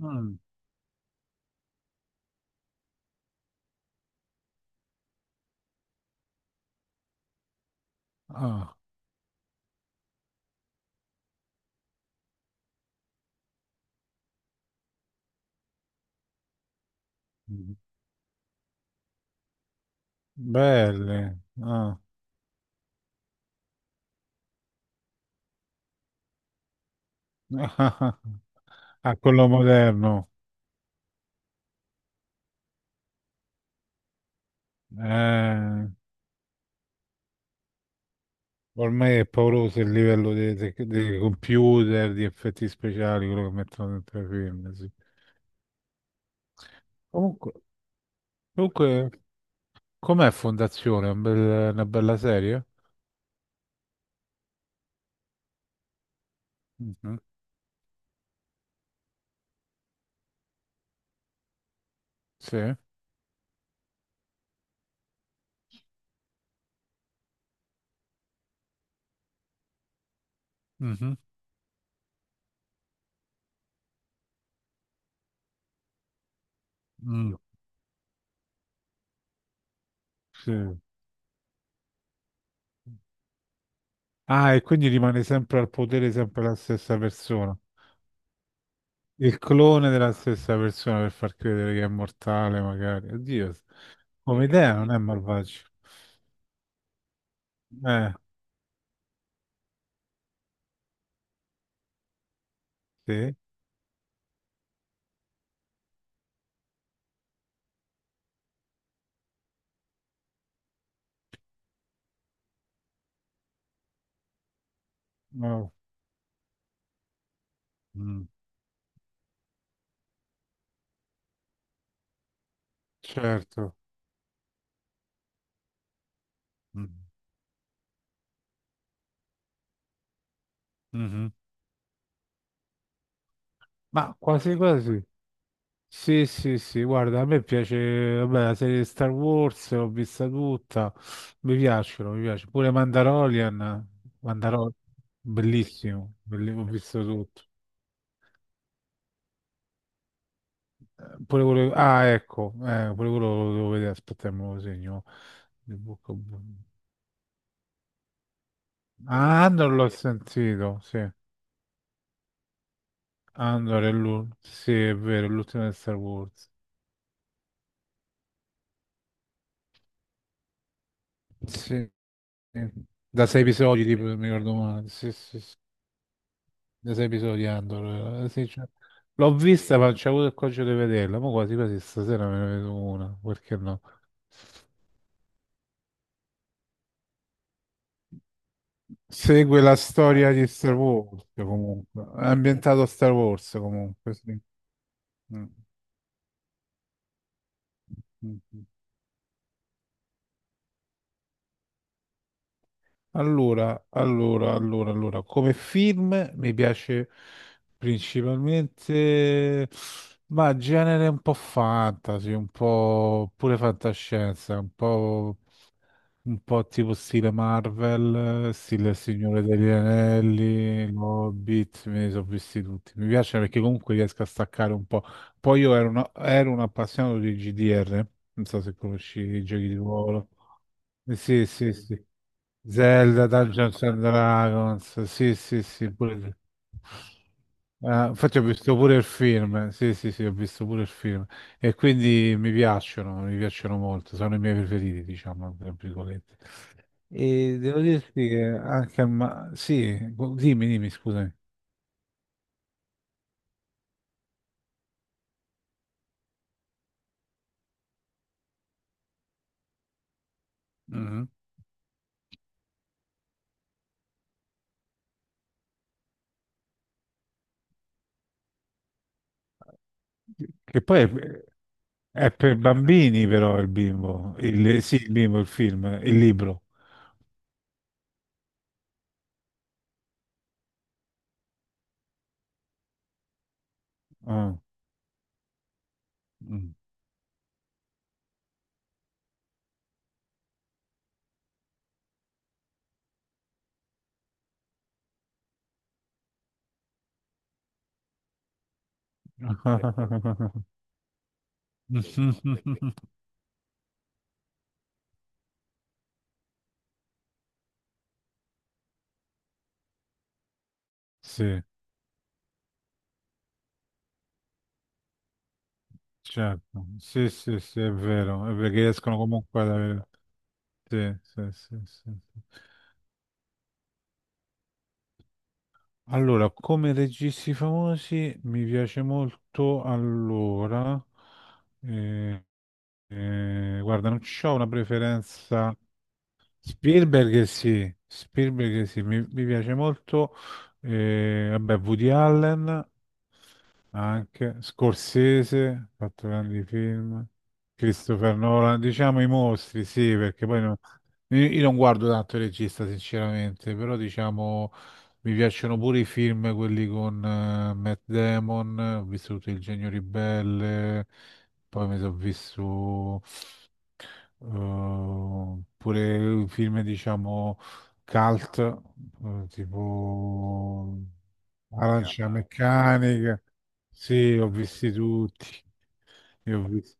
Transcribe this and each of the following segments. Mm, ah, belle. Ah. A quello moderno. Eh, Ormai è pauroso il livello dei computer, di effetti speciali, quello che mettono dentro i film. Sì. Comunque, comunque, com'è Fondazione? Una bella serie? Mhm. Sì. Mhm, mm, sì. Ah, e quindi rimane sempre al potere sempre la stessa persona. Il clone della stessa persona per far credere che è mortale, magari. Oddio, come idea non è malvagio. Eh, sì, no, mm, certo. Mm, mhm. Ma quasi quasi. Sì, sì, sì, guarda, a me piace, vabbè, la serie di Star Wars l'ho vista tutta, mi piace. Pure Mandalorian, bellissimo, ho visto tutto. Pure quello... Ah, ecco, pure quello lo devo vedere, aspetta, me lo segno. The Book of- Ah, Andor l'ho sentito, sì. Andor è l'ultimo, sì, è vero, è l'ultimo di Star Wars. Sì, sì. Da sei episodi, tipo, se mi ricordo male. Sì, sì, sì. Da sei episodi Andor. Sì, cioè, l'ho vista, ma c'è avuto il coraggio di vederla, ma quasi quasi stasera me ne vedo una, perché no? Segue la storia di Star Wars, comunque. È ambientato a Star Wars, comunque, sì. Mm. Mhm. Allora, come film mi piace principalmente, ma genere un po' fantasy, un po' pure fantascienza, un po' tipo stile Marvel, stile Il Signore degli Anelli, Hobbit, me ne sono visti tutti. Mi piace perché comunque riesco a staccare un po'. Poi ero un appassionato di GDR, non so se conosci i giochi di ruolo. Sì, sì, sì. Zelda, Dungeons and Dragons, sì, sì, sì, pure... infatti ho visto pure il film, sì, sì, sì, ho visto pure il film e quindi mi piacciono molto, sono i miei preferiti, diciamo, tra virgolette. E devo dirti che anche sì, dimmi, dimmi, scusami. Mhm. Che poi è per bambini però sì, il film, il libro. Ah, mm. Sì, certo, sì, sì, sì, è vero, è perché riescono comunque ad avere... Sì, sì, sì, sì, sì. Allora, come registi famosi mi piace molto, allora, eh, guarda, non c'ho una preferenza. Spielberg sì, mi piace molto, vabbè, Woody Allen anche, Scorsese, ha fatto grandi film, Christopher Nolan, diciamo i mostri, sì, perché poi no- io non guardo tanto il regista sinceramente, però diciamo mi piacciono pure i film, quelli con Matt Damon, ho visto tutto Il Genio Ribelle, poi mi sono visto oppure film, diciamo, cult, tipo mia, Arancia Meccanica. Sì, ho visti tutti. Li ho visti.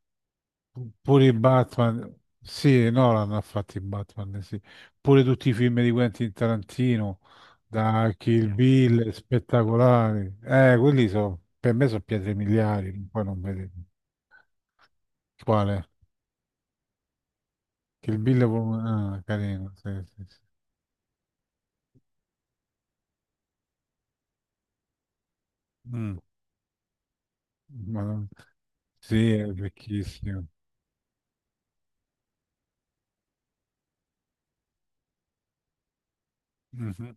Pure i Batman. Sì, Nolan ha fatto i Batman, sì. Pure tutti i film di Quentin Tarantino, da Kill Bill, spettacolari. Quelli sono, per me sono pietre miliari, poi non vedo quale. Kill Bill è pure ah, carino, sì, sì, sì. Mm, Madonna. Sì, è vecchissimo. Mhm.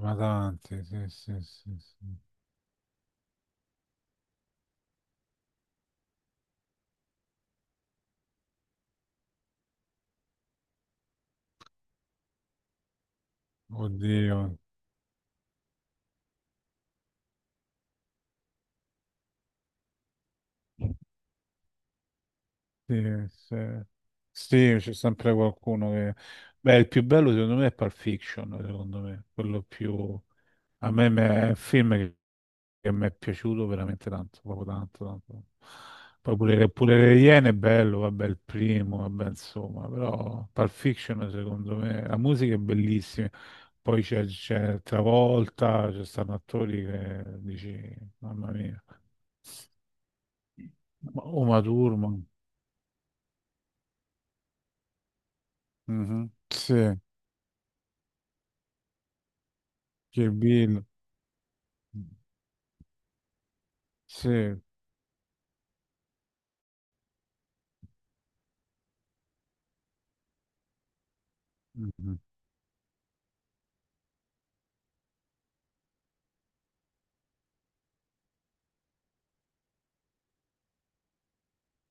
Ma tanti, sì, sì, sì, sì. Oddio. Sì, sì. Sì, c'è sempre qualcuno che... Beh, il più bello secondo me è Pulp Fiction, secondo me, quello più... È un film che mi è piaciuto veramente tanto, proprio tanto, tanto. Poi pure Le Iene è bello, vabbè, il primo, vabbè, insomma, però Pulp Fiction secondo me, la musica è bellissima, poi c'è Travolta, ci stanno attori che dici, mamma mia, Uma Thurman. Mhm. Sì. Che bello. Sì. Mhm.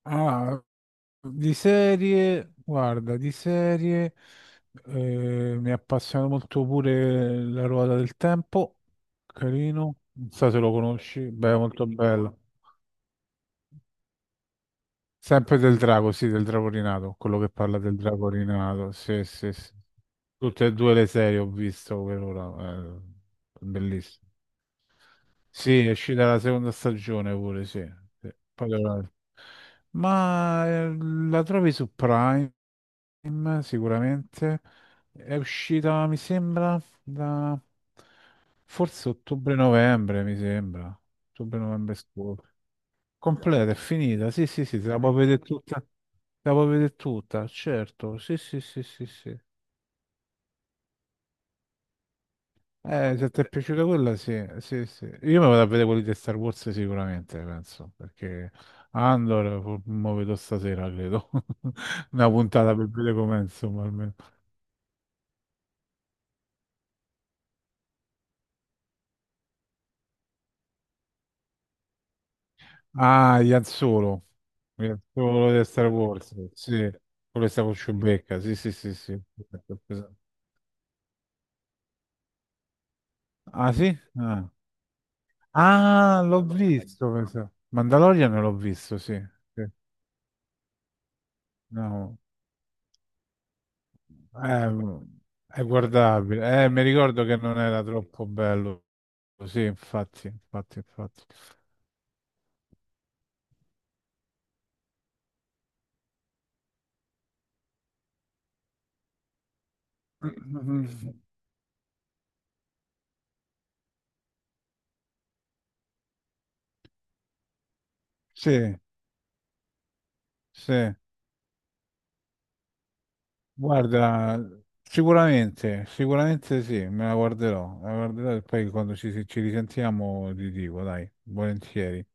Ah, di serie, guarda, di serie mi appassiona molto pure La ruota del tempo, carino, non so se lo conosci, beh, molto bello. Sempre del drago, sì, del drago rinato, quello che parla del drago rinato, sì, sì, sì. Tutte e due le serie ho visto per ora, bellissime. Sì, è uscita la seconda stagione pure, sì. Sì. Ma la trovi su Prime, sicuramente. È uscita, mi sembra, da forse ottobre-novembre, mi sembra. Ottobre-novembre scorso. Completa, è finita. Sì, sì, sì, te la puoi vedere tutta. Te la puoi vedere tutta, certo. Sì, sì, sì, sì, sì. Se ti è piaciuta quella, sì, sì, sì. Io mi vado a vedere quelli di Star Wars sicuramente, penso, perché mo vedo stasera, credo. Una puntata per vedere com'è, insomma, almeno. Ah, Ian Solo. Ian Solo di Star Wars, sì. Quello che sta con Chewbacca, sì, sì, sì, sì. Ah, sì? Ah, ah, l'ho visto, penso. Mandalorian l'ho visto, sì. Sì. No. Eh, è guardabile. Mi ricordo che non era troppo bello. Sì, infatti, infatti, infatti. Sì, sì. Guarda, sicuramente, sicuramente sì, me la guarderò. Me la guarderò e poi quando ci risentiamo ti dico, dai, volentieri.